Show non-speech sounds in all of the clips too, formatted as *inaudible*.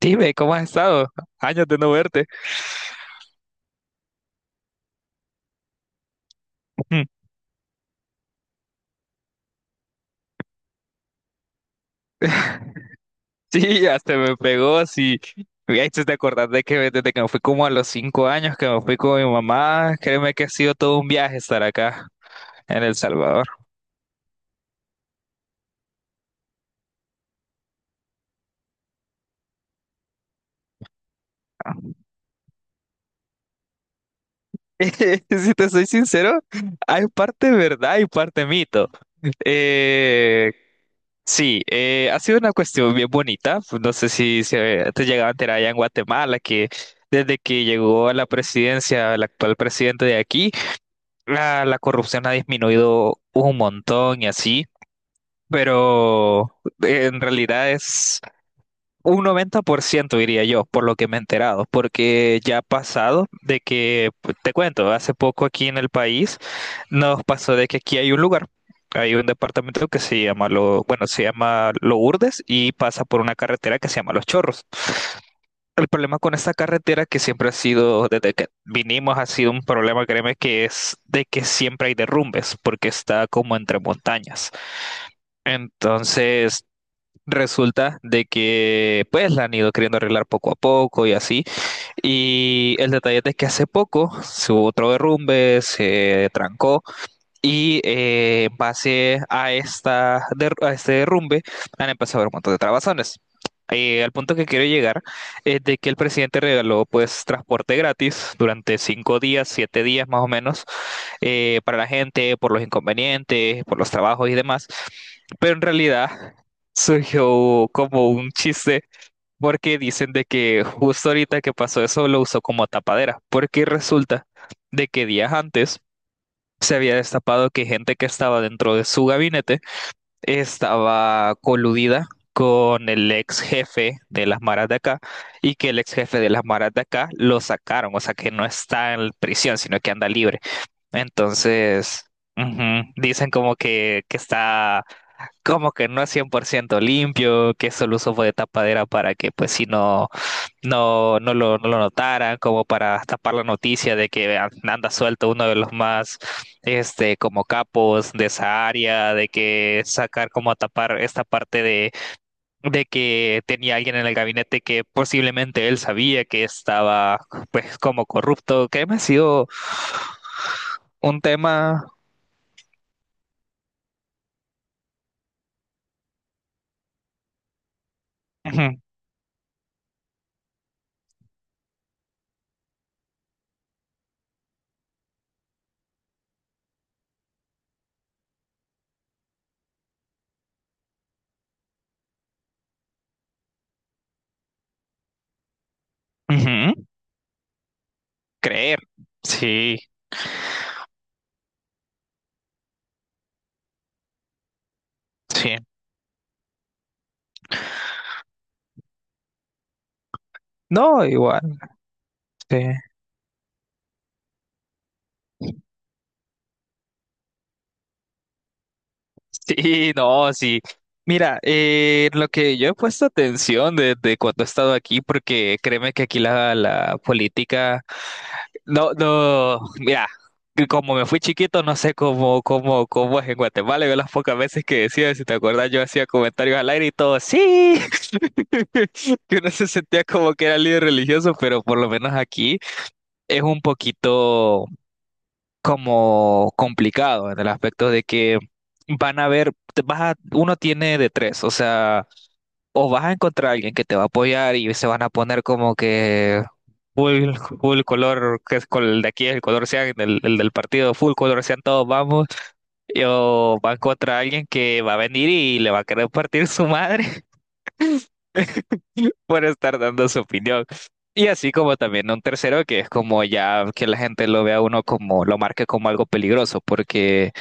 Dime, ¿cómo has estado? Años de no verte. *laughs* Sí, hasta me pegó, sí. Me hiciste de acordar de que desde que me fui como a los 5 años, que me fui con mi mamá, créeme que ha sido todo un viaje estar acá, en El Salvador. *laughs* Si te soy sincero, hay parte verdad y parte mito. Eh, sí, ha sido una cuestión bien bonita. No sé si te llegaba a enterar allá en Guatemala que desde que llegó a la presidencia, el actual presidente de aquí, la corrupción ha disminuido un montón y así, pero en realidad es un 90% diría yo, por lo que me he enterado, porque ya ha pasado de que, pues, te cuento, hace poco aquí en el país nos pasó de que aquí hay un lugar. Hay un departamento que se llama bueno, se llama Lourdes y pasa por una carretera que se llama Los Chorros. El problema con esta carretera que siempre ha sido, desde que vinimos, ha sido un problema, créeme, que es de que siempre hay derrumbes, porque está como entre montañas. Entonces, resulta de que, pues, la han ido queriendo arreglar poco a poco y así. Y el detalle es de que hace poco se hubo otro derrumbe, se trancó. Y en base a este derrumbe han empezado a haber un montón de trabazones. Al punto que quiero llegar es de que el presidente regaló pues transporte gratis durante 5 días, 7 días más o menos, para la gente, por los inconvenientes, por los trabajos y demás. Pero en realidad surgió como un chiste porque dicen de que justo ahorita que pasó eso lo usó como tapadera, porque resulta de que días antes se había destapado que gente que estaba dentro de su gabinete estaba coludida con el ex jefe de las maras de acá y que el ex jefe de las maras de acá lo sacaron, o sea que no está en prisión, sino que anda libre. Entonces, ujú, dicen como que está como que no es 100% limpio, que solo usó fue de tapadera para que pues si no, no lo notaran, como para tapar la noticia de que anda suelto uno de los más, como capos de esa área, de que sacar como a tapar esta parte de que tenía alguien en el gabinete que posiblemente él sabía que estaba, pues, como corrupto, que me ha sido un tema, ujú, ujú, creer, sí, sí, no, igual, sí. Sí, no, sí. Mira, lo que yo he puesto atención desde cuando he estado aquí, porque créeme que aquí la política, no, no, mira, que como me fui chiquito, no sé cómo es en Guatemala. Yo las pocas veces que decía, si te acuerdas, yo hacía comentarios al aire y todo, sí, *laughs* que uno se sentía como que era líder religioso, pero por lo menos aquí es un poquito como complicado en el aspecto de que van a ver, uno tiene de tres, o sea, o vas a encontrar a alguien que te va a apoyar y se van a poner como que full, full color, que es el de aquí es el color sean, el del partido, full color sean todos, vamos, y o va a encontrar a alguien que va a venir y le va a querer partir su madre. *laughs* *laughs* por estar dando su opinión. Y así como también un tercero que es como ya que la gente lo vea a uno como, lo marque como algo peligroso, porque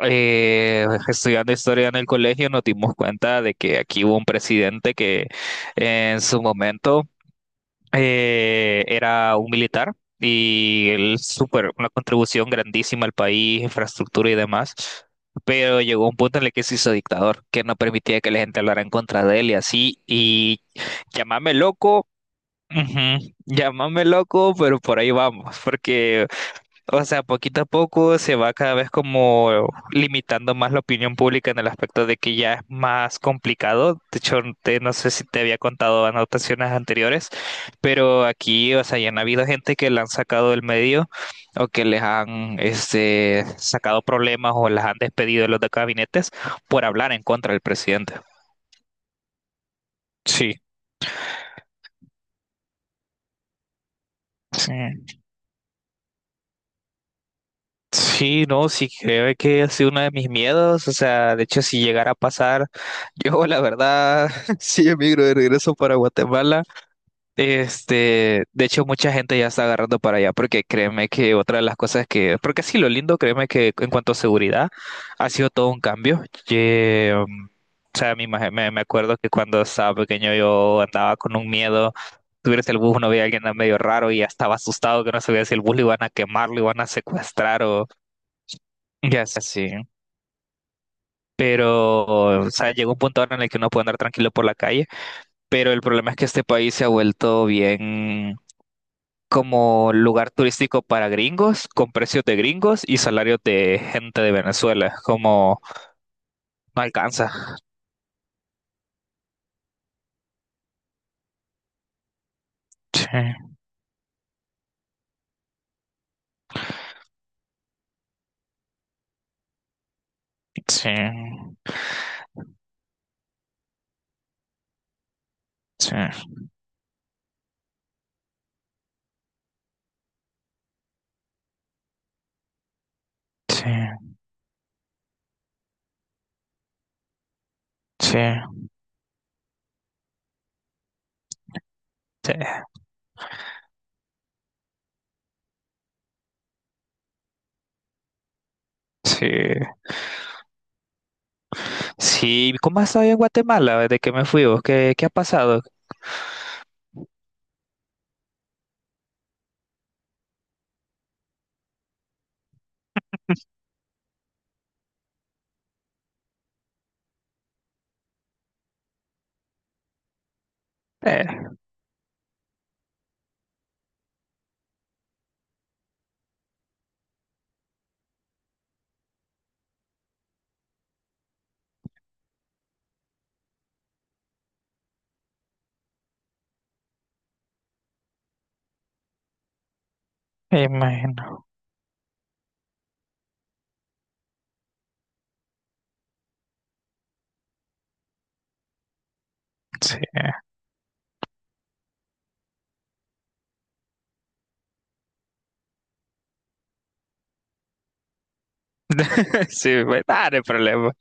estudiando historia en el colegio nos dimos cuenta de que aquí hubo un presidente que en su momento era un militar y él súper, una contribución grandísima al país, infraestructura y demás, pero llegó un punto en el que se hizo dictador, que no permitía que la gente hablara en contra de él y así, y llámame loco, ujú, llámame loco, pero por ahí vamos, porque o sea, poquito a poco se va cada vez como limitando más la opinión pública en el aspecto de que ya es más complicado. De hecho, no sé si te había contado anotaciones anteriores, pero aquí, o sea, ya han habido gente que la han sacado del medio o que les han sacado problemas o las han despedido de los de gabinetes por hablar en contra del presidente. Sí. Sí. Sí, no, sí, creo que ha sido uno de mis miedos. O sea, de hecho, si llegara a pasar, *laughs* yo la verdad, *laughs* sí emigro de regreso para Guatemala. Este, de hecho, mucha gente ya está agarrando para allá, porque créeme que otra de las cosas que, porque sí, lo lindo, créeme que en cuanto a seguridad, ha sido todo un cambio. Que, o sea, me, imag- me me acuerdo que cuando estaba pequeño yo andaba con un miedo subirse al bus, uno veía a alguien medio raro y ya estaba asustado que no sabía si el bus lo iban a quemar, lo iban a secuestrar o, ya sé, sí. Pero, o sea, llega un punto ahora en el que uno puede andar tranquilo por la calle, pero el problema es que este país se ha vuelto bien como lugar turístico para gringos, con precios de gringos y salarios de gente de Venezuela. Como no alcanza. Sí, sí, sí, sí, sí, sí, sí. Sí, ¿cómo has estado en Guatemala desde que me fui vos? ¿Qué ha pasado? Eh, Me imagino. Sí, *laughs* sí, pues, nada de problema.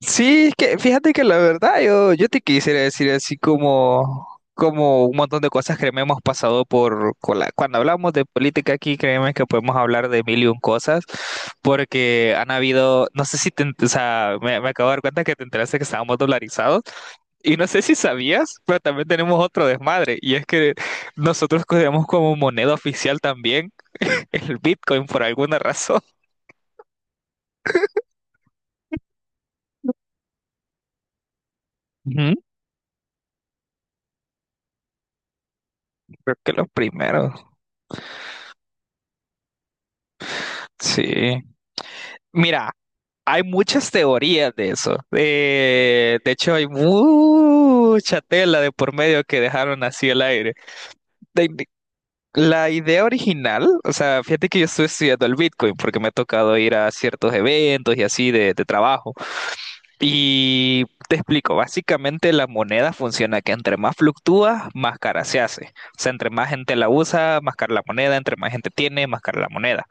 Sí, es que fíjate que la verdad yo te quisiera decir así como un montón de cosas que me hemos pasado por con cuando hablamos de política aquí, créeme que podemos hablar de mil y un cosas, porque han habido, no sé si o sea, me acabo de dar cuenta que te enteraste que estábamos dolarizados. Y no sé si sabías, pero también tenemos otro desmadre, y es que nosotros cogemos como moneda oficial también el Bitcoin por alguna razón. Ujú. Creo que los primeros. Sí. Mira, hay muchas teorías de eso. De hecho, hay mucha tela de por medio que dejaron así el aire. De- de- la idea original, o sea, fíjate que yo estoy estudiando el Bitcoin porque me ha tocado ir a ciertos eventos y así de trabajo. Y te explico, básicamente la moneda funciona que entre más fluctúa, más cara se hace. O sea, entre más gente la usa, más cara la moneda, entre más gente tiene, más cara la moneda.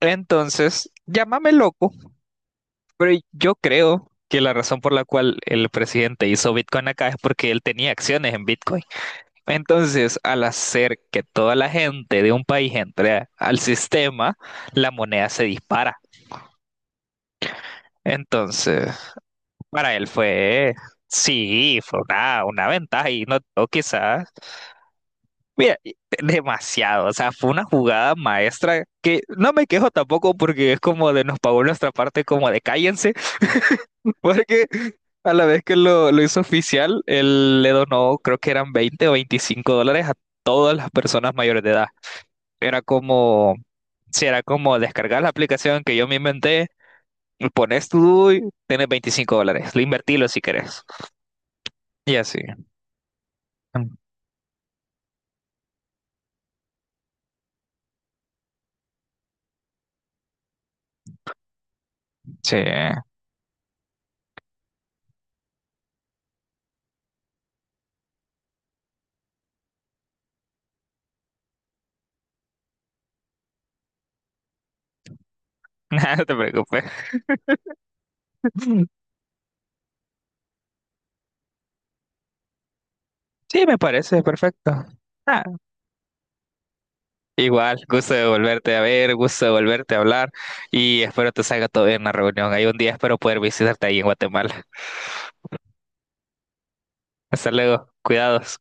Entonces, llámame loco. Pero yo creo que la razón por la cual el presidente hizo Bitcoin acá es porque él tenía acciones en Bitcoin. Entonces, al hacer que toda la gente de un país entre al sistema, la moneda se dispara. Entonces, para él fue, sí, fue una ventaja y no o quizás, mira, demasiado. O sea, fue una jugada maestra que no me quejo tampoco porque es como de nos pagó nuestra parte como de cállense. Porque a la vez que lo hizo oficial, él le donó, creo que eran 20 o $25 a todas las personas mayores de edad. Era como, si era como descargar la aplicación que yo me inventé, y pones tu DUI, tienes $25, lo invertilo si querés. Y así. Sí, *laughs* no te preocupes. Sí, me parece perfecto. Ah, igual, gusto de volverte a ver, gusto de volverte a hablar y espero te salga todo bien en la reunión. Hay un día espero poder visitarte ahí en Guatemala. Hasta luego. Cuidados.